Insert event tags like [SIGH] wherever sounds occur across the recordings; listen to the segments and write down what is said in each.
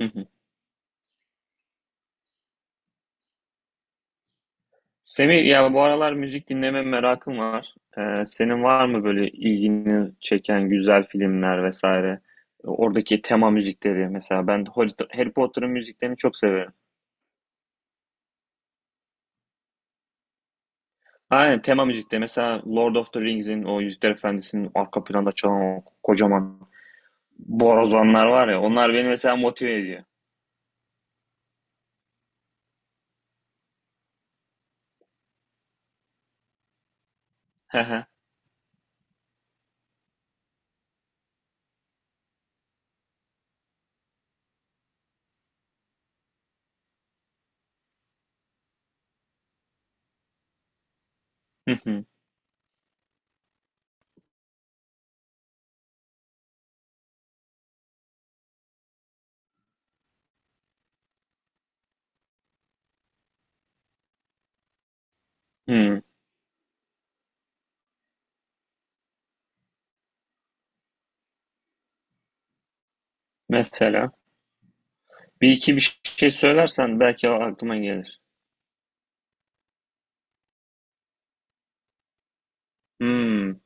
Hı hı. Semih ya bu aralar müzik dinleme merakım var. Senin var mı böyle ilgini çeken güzel filmler vesaire? Oradaki tema müzikleri mesela ben Harry Potter'ın müziklerini çok severim. Aynen tema müzikleri mesela Lord of the Rings'in o Yüzükler Efendisi'nin arka planda çalan o kocaman borazanlar var ya onlar beni mesela motive ediyor. [LAUGHS] Hı hı. Hı hı. Hı. Mesela bir iki bir şey söylersen belki aklıma gelir. Hmm.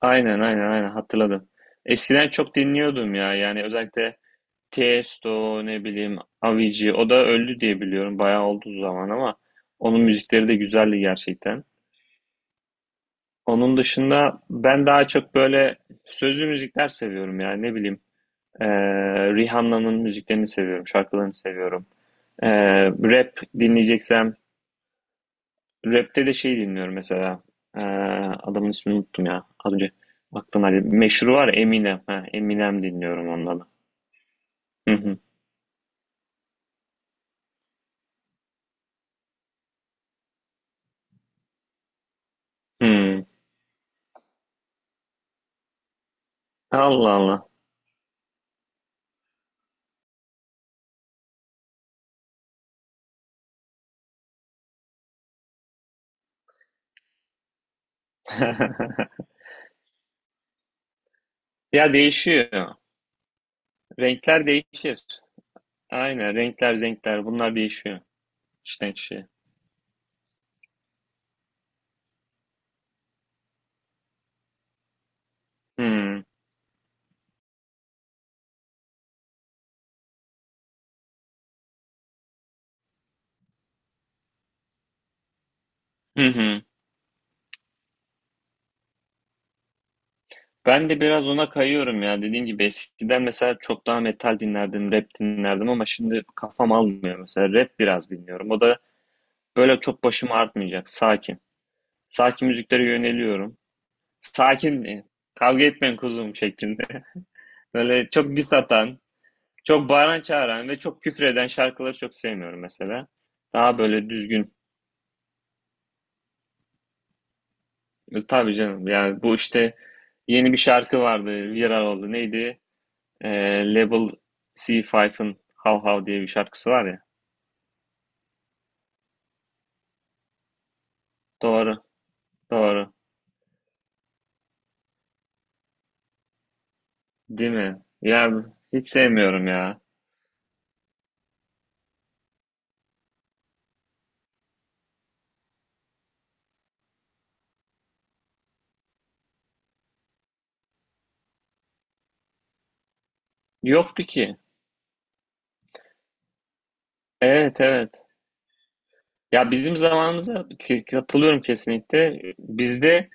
Aynen, aynen, aynen, hatırladım. Eskiden çok dinliyordum ya, yani özellikle Tiesto, ne bileyim, Avicii, o da öldü diye biliyorum, bayağı oldu zaman, ama onun müzikleri de güzeldi gerçekten. Onun dışında ben daha çok böyle sözlü müzikler seviyorum, yani ne bileyim, eee, Rihanna'nın müziklerini seviyorum, şarkılarını seviyorum. Rap dinleyeceksem, Rap'te de şey dinliyorum mesela. Ee, adamın ismini unuttum ya. Az önce aklına geldi. Meşhur var, Eminem. Ha, Eminem dinliyorum ondan. Hı hı. Hı. Allah Allah. [LAUGHS] Ya, değişiyor. Renkler değişir. Aynen, renkler renkler bunlar değişiyor. İşten kişiye. Hı. Hı hı. Ben de biraz ona kayıyorum ya. Dediğim gibi eskiden mesela çok daha metal dinlerdim, rap dinlerdim, ama şimdi kafam almıyor mesela. Rap biraz dinliyorum. O da böyle çok başımı artmayacak. Sakin. Sakin müziklere yöneliyorum. Sakin, kavga etmeyin kuzum şeklinde. Böyle çok diss atan, çok bağıran çağıran ve çok küfür eden şarkıları çok sevmiyorum mesela. Daha böyle düzgün. Tabii canım, yani bu işte, yeni bir şarkı vardı, viral oldu. Neydi? E, Level C5'ın How How diye bir şarkısı var ya. Doğru, doğru. Değil mi? Ya hiç sevmiyorum ya. Yoktu ki. Evet, evet. Ya bizim zamanımıza katılıyorum kesinlikle. Bizde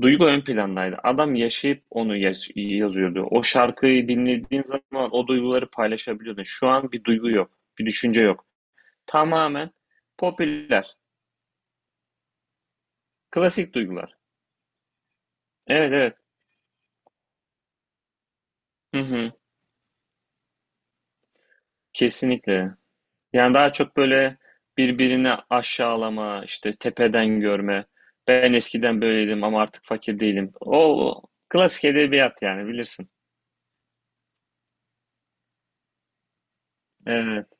duygu ön plandaydı. Adam yaşayıp onu yazıyordu. O şarkıyı dinlediğin zaman o duyguları paylaşabiliyordun. Şu an bir duygu yok, bir düşünce yok. Tamamen popüler, klasik duygular. Evet, evet. Hı hı. Kesinlikle. Yani daha çok böyle birbirini aşağılama, işte tepeden görme. Ben eskiden böyleydim ama artık fakir değilim. O klasik edebiyat, yani bilirsin. Evet.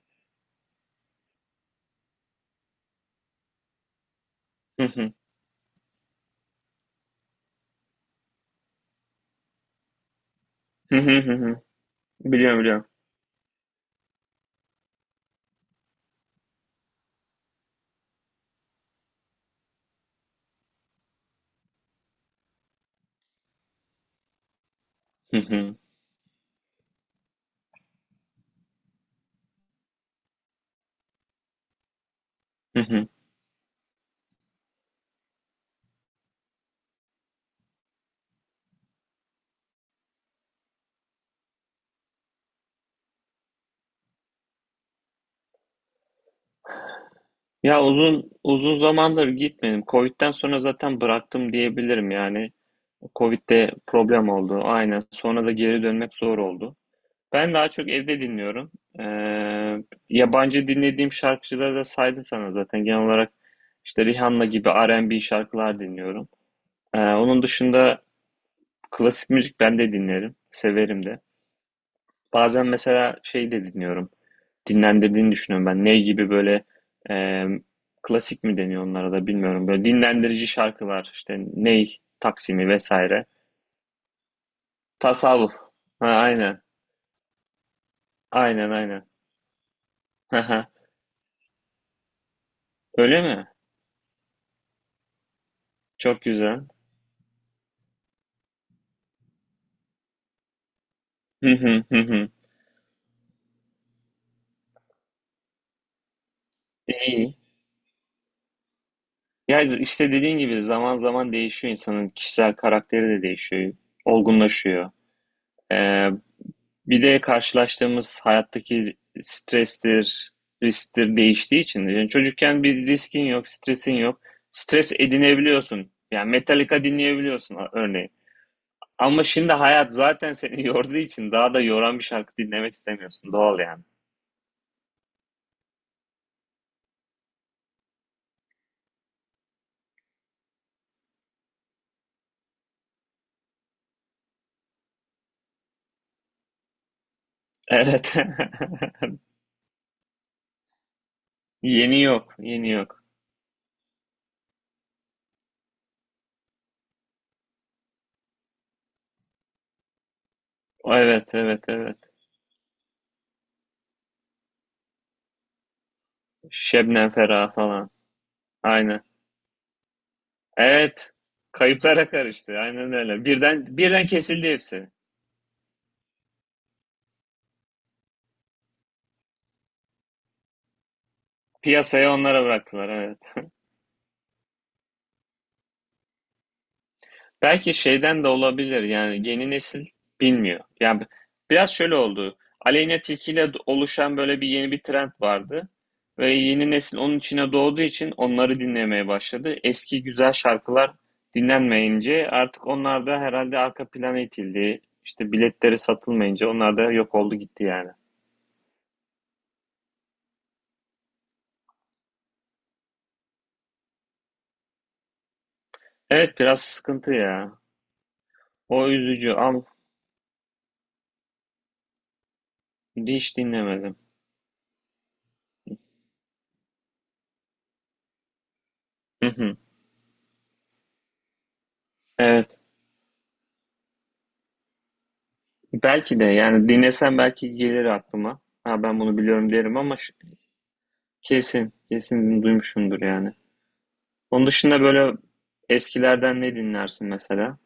[LAUGHS] Hı hı, hı hı. Biliyorum, biliyorum. Hı hı. Hı hı. Ya uzun uzun zamandır gitmedim. Covid'den sonra zaten bıraktım diyebilirim yani. Covid'de problem oldu. Aynen. Sonra da geri dönmek zor oldu. Ben daha çok evde dinliyorum. Ee, yabancı dinlediğim şarkıcıları da saydım sana zaten. Genel olarak işte Rihanna gibi R&B şarkılar dinliyorum. Onun dışında klasik müzik ben de dinlerim. Severim de. Bazen mesela şey de dinliyorum. Dinlendirdiğini düşünüyorum ben. Ney gibi böyle, emm, klasik mi deniyor onlara da bilmiyorum. Böyle dinlendirici şarkılar, işte Ney, Taksim'i vs. Tasavvuf. Ha, aynen. Aynen, aynen. [LAUGHS] Hı. Öyle mi? Çok güzel. Hı hı, hı hı. İyi. Ya, işte dediğin gibi zaman zaman değişiyor, insanın kişisel karakteri de değişiyor, olgunlaşıyor. Eee Bir de karşılaştığımız hayattaki strestir, risktir değiştiği için. Yani çocukken bir riskin yok, stresin yok. Stres edinebiliyorsun. Yani Metallica dinleyebiliyorsun örneğin. Ama şimdi hayat zaten seni [LAUGHS] yorduğu için daha da yoran bir şarkı dinlemek istemiyorsun. Doğal yani. Evet. [LAUGHS] Yeni yok, yeni yok. Evet, evet, evet. Şebnem Ferah falan. Aynen. Evet. Kayıplara karıştı. Aynen öyle. Birden birden kesildi hepsi. Piyasaya onlara bıraktılar. Evet. Belki şeyden de olabilir, yani yeni nesil bilmiyor. Yani biraz şöyle oldu. Aleyna Tilki ile oluşan böyle bir yeni bir trend vardı. Ve yeni nesil onun içine doğduğu için onları dinlemeye başladı. Eski güzel şarkılar dinlenmeyince artık onlar da herhalde arka plana itildi. İşte biletleri satılmayınca onlar da yok oldu gitti yani. Evet, biraz sıkıntı ya. O üzücü, ama hiç dinlemedim. Hı hı. Evet. Belki de, yani dinlesem belki gelir aklıma. Ha, ben bunu biliyorum derim, ama kesin kesin duymuşumdur yani. Onun dışında böyle eskilerden ne dinlersin mesela?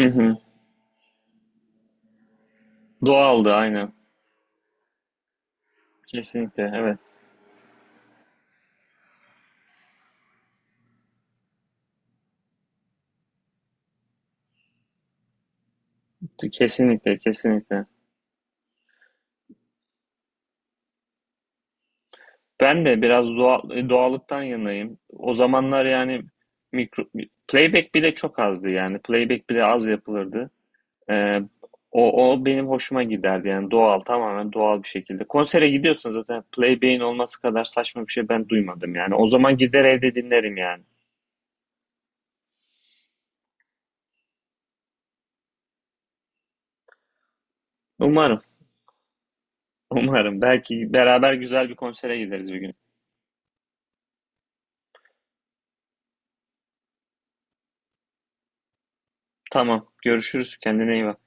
Hı hı. Doğaldı aynen. Kesinlikle evet. Kesinlikle, kesinlikle. Ben de biraz doğal, doğallıktan yanayım. O zamanlar yani mikro, playback bile çok azdı yani. Playback bile az yapılırdı. Ee, o benim hoşuma giderdi yani, doğal, tamamen doğal bir şekilde. Konsere gidiyorsun, zaten Playbane olması kadar saçma bir şey ben duymadım yani. O zaman gider evde dinlerim yani. Umarım, umarım. Belki beraber güzel bir konsere gideriz bir gün. Tamam, görüşürüz. Kendine iyi bak.